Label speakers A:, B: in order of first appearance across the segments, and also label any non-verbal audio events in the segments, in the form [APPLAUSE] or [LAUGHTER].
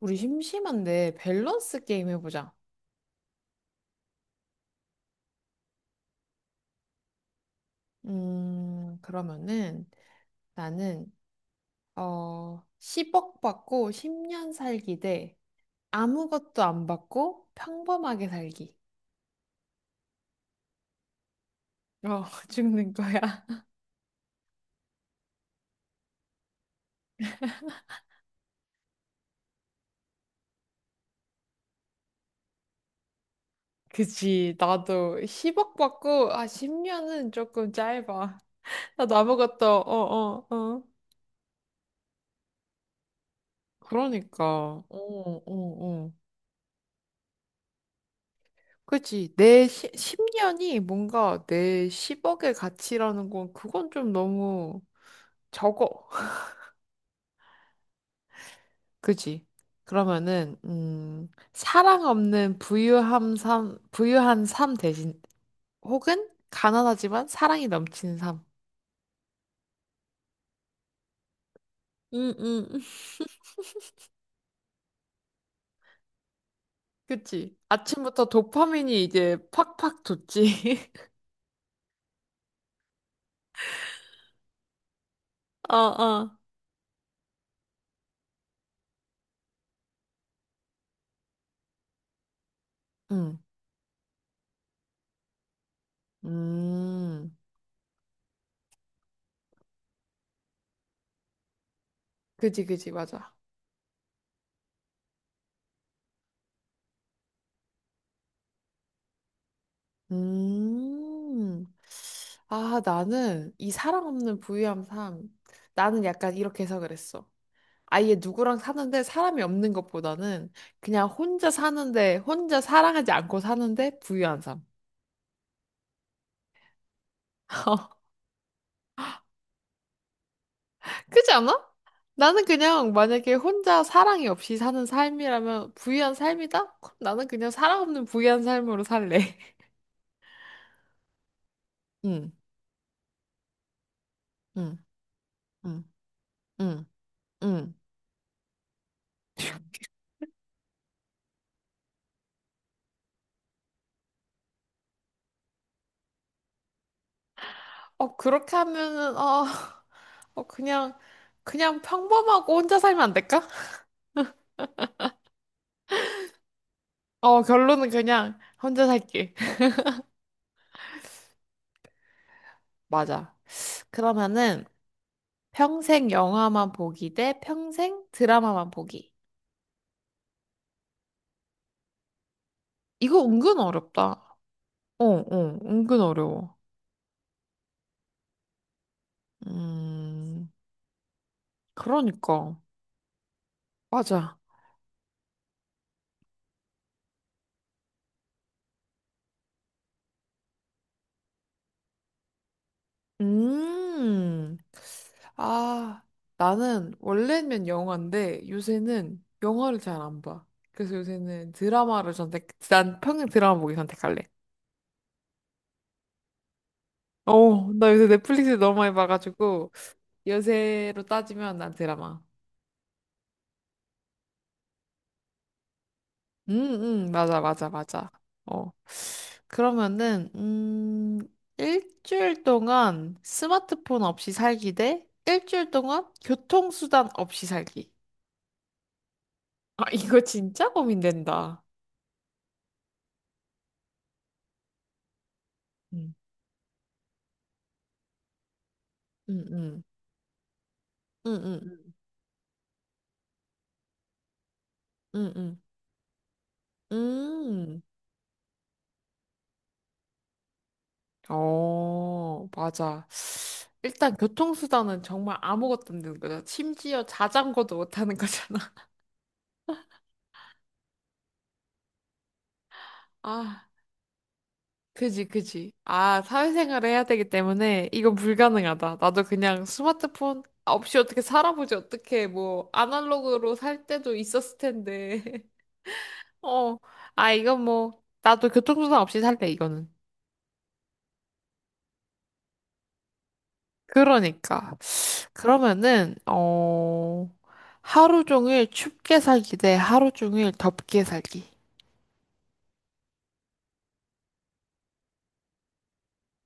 A: 우리 심심한데 밸런스 게임 해보자. 그러면은 나는 10억 받고 10년 살기 대 아무것도 안 받고 평범하게 살기. 어, [LAUGHS] 죽는 거야. [LAUGHS] 그치. 나도 10억 받고 10년은 조금 짧아. [LAUGHS] 나도 아무것도 어, 어, 어. 그러니까. 어, 어, 어. 그치. 10년이 뭔가 내 10억의 가치라는 건 그건 좀 너무 적어. 그지? 그러면은 사랑 없는 부유한 삶 대신 혹은 가난하지만 사랑이 넘치는 삶. 음. 그치? 아침부터 도파민이 이제 팍팍 돋지. [LAUGHS] 어, 어. 응. 음. 그지, 그지, 맞아. 음. 아, 나는 이 사랑 없는 부유함 삶. 나는 약간 이렇게 해서 그랬어. 아예 누구랑 사는데 사람이 없는 것보다는 그냥 혼자 사는데 혼자 사랑하지 않고 사는데 부유한 삶. [LAUGHS] 그렇지 않아? 나는 그냥 만약에 혼자 사랑이 없이 사는 삶이라면 부유한 삶이다? 그럼 나는 그냥 사랑 없는 부유한 삶으로 살래. [LAUGHS] 응, 응, 응, 응, 응. 어, 그렇게 하면은, 어, [LAUGHS] 어, 그냥 평범하고 혼자 살면 안 될까? [LAUGHS] 어, 결론은 그냥 혼자 살게. [LAUGHS] 맞아. 그러면은, 평생 영화만 보기 대 평생 드라마만 보기. 이거 은근 어렵다. 어, 어, 은근 어려워. 음, 그러니까. 맞아. 음, 아, 나는 원래는 영화인데 요새는 영화를 잘 안 봐. 그래서 요새는 드라마를 선택, 난 평생 드라마 보기 선택할래. 어, 나 요새 넷플릭스 너무 많이 봐가지고, 요새로 따지면 난 드라마. 맞아, 맞아, 맞아. 어. 그러면은, 일주일 동안 스마트폰 없이 살기 대 일주일 동안 교통수단 없이 살기. 아, 이거 진짜 고민된다. 음, 음, 음, 음, 음, 음, 음. 음. 음. 어, 맞아. 일단 교통수단은 정말 아무것도 없는 거잖아. 심지어 자전거도 못 타는 거잖아. [LAUGHS] 아. 그지, 그지. 아, 사회생활을 해야 되기 때문에 이건 불가능하다. 나도 그냥 스마트폰 없이 어떻게 살아보지, 어떻게 뭐, 아날로그로 살 때도 있었을 텐데. [LAUGHS] 어, 아, 이건 뭐, 나도 교통수단 없이 살래, 이거는. 그러니까. 그러면은, 어, 하루 종일 춥게 살기 대 하루 종일 덥게 살기.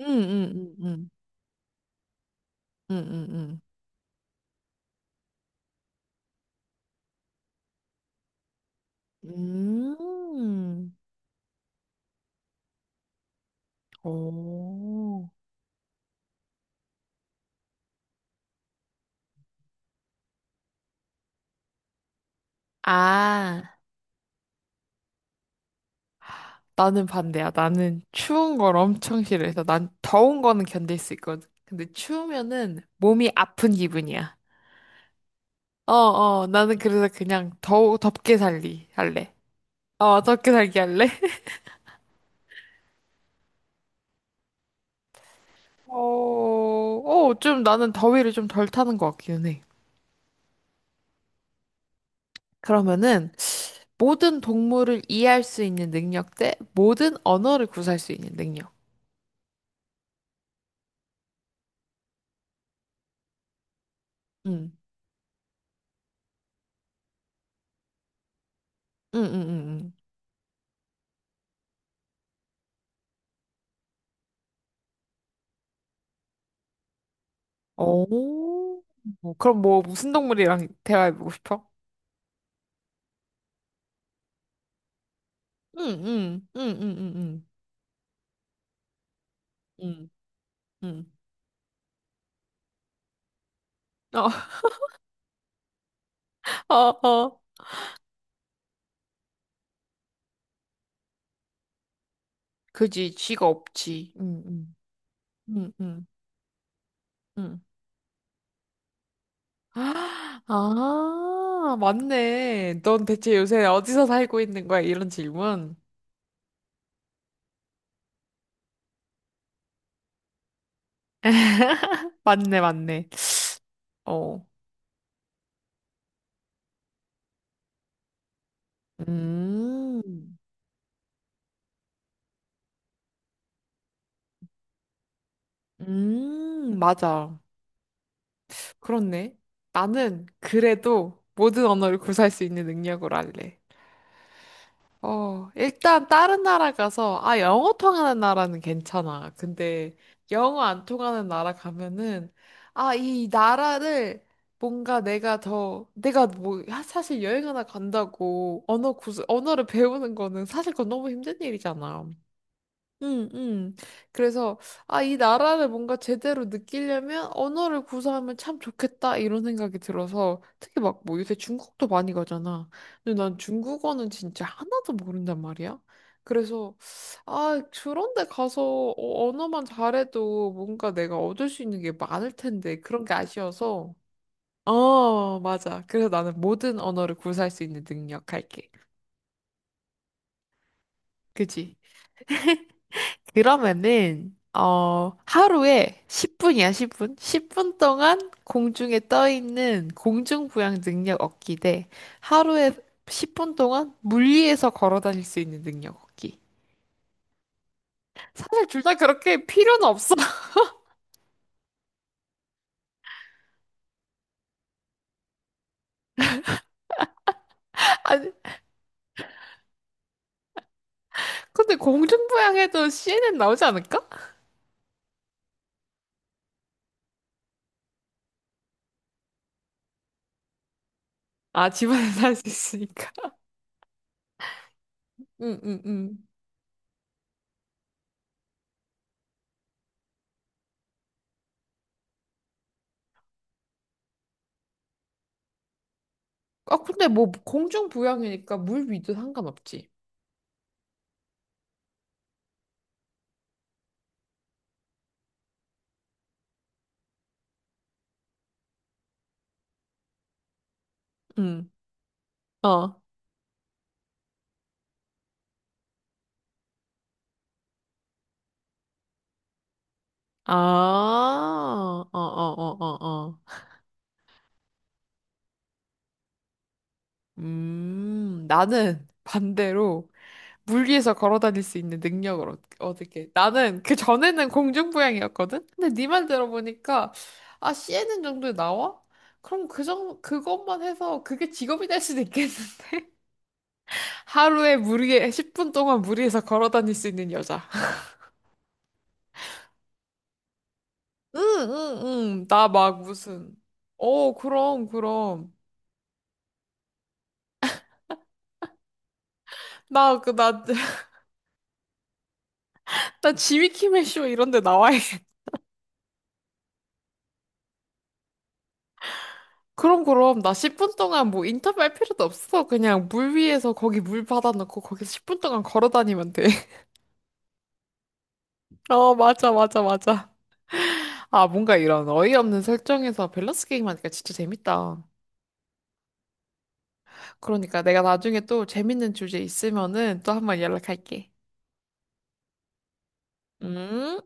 A: 응, 응, 응, 응, 응, 응, 응. 오. 아. 나는 반대야. 나는 추운 걸 엄청 싫어해서 난 더운 거는 견딜 수 있거든. 근데 추우면은 몸이 아픈 기분이야. 어, 어, 나는 그래서 그냥 더 덥게 할래. 어, 덥게 살기 할래? 어, 어, 좀 나는 더위를 좀 덜 타는 것 같기는 해. 그러면은 모든 동물을 이해할 수 있는 능력 대 모든 언어를 구사할 수 있는 능력. 응, 응, 응, 응, 응. 오, 그럼 뭐 무슨 동물이랑 대화해보고 싶어? 응, 응, 응, 응, 응, 응, 응. 응 어, 어, 어. 그지, 지가 없지. 응, 응, 응, 응, 응. 아, 맞네. 넌 대체 요새 어디서 살고 있는 거야? 이런 질문. [LAUGHS] 맞네, 맞네. 어. 음, 맞아. 그렇네. 나는 그래도 모든 언어를 구사할 수 있는 능력으로 할래. 어, 일단 다른 나라 가서, 아, 영어 통하는 나라는 괜찮아. 근데 영어 안 통하는 나라 가면은, 아, 이 나라를 뭔가 내가 더, 내가 뭐, 하- 사실 여행 하나 간다고 언어를 배우는 거는 사실 그건 너무 힘든 일이잖아. 음, 음. 그래서, 아, 이 나라를 뭔가 제대로 느끼려면 언어를 구사하면 참 좋겠다, 이런 생각이 들어서, 특히 막 뭐 요새 중국도 많이 가잖아. 근데 난 중국어는 진짜 하나도 모른단 말이야. 그래서, 아, 그런 데 가서 언어만 잘해도 뭔가 내가 얻을 수 있는 게 많을 텐데, 그런 게 아쉬워서. 어, 맞아. 그래서 나는 모든 언어를 구사할 수 있는 능력 할게. 그지? 그러면은, 어, 하루에 10분이야, 10분? 10분 동안 공중에 떠 있는 공중부양 능력 얻기 대 하루에 10분 동안 물 위에서 걸어 다닐 수 있는 능력 얻기. 사실 둘 다 그렇게 필요는 없어. [LAUGHS] 아니, 근데 공중부양해도 CNN 나오지 않을까? 아, 집안에서 할 수 있으니까. 응, 응, 응. 아, 근데 뭐 공중부양이니까 물 위도 상관없지. 응. 어. 아, 어, 어, 어, 어, 어. 나는 반대로 물 위에서 걸어 다닐 수 있는 능력을 얻을게. 나는 그 전에는 공중부양이었거든? 근데 네 말 들어보니까, 아, CNN 정도에 나와? 그럼 그것만 해서 그게 직업이 될 수도 있겠는데? [LAUGHS] 하루에 10분 동안 물 위에서 걸어 다닐 수 있는 여자. 응, 응, 응. 나 막 무슨. 어, 그럼, 그럼. 나, 그, 나, [LAUGHS] 나 지미키멜 쇼 이런 데 나와야 그럼 나 10분 동안 뭐 인터뷰할 필요도 없어. 그냥 물 위에서 거기 물 받아놓고 거기서 10분 동안 걸어 다니면 돼. [LAUGHS] 어, 맞아, 맞아, 맞아. 아, 뭔가 이런 어이없는 설정에서 밸런스 게임 하니까 진짜 재밌다. 그러니까 내가 나중에 또 재밌는 주제 있으면은 또 한번 연락할게. 음?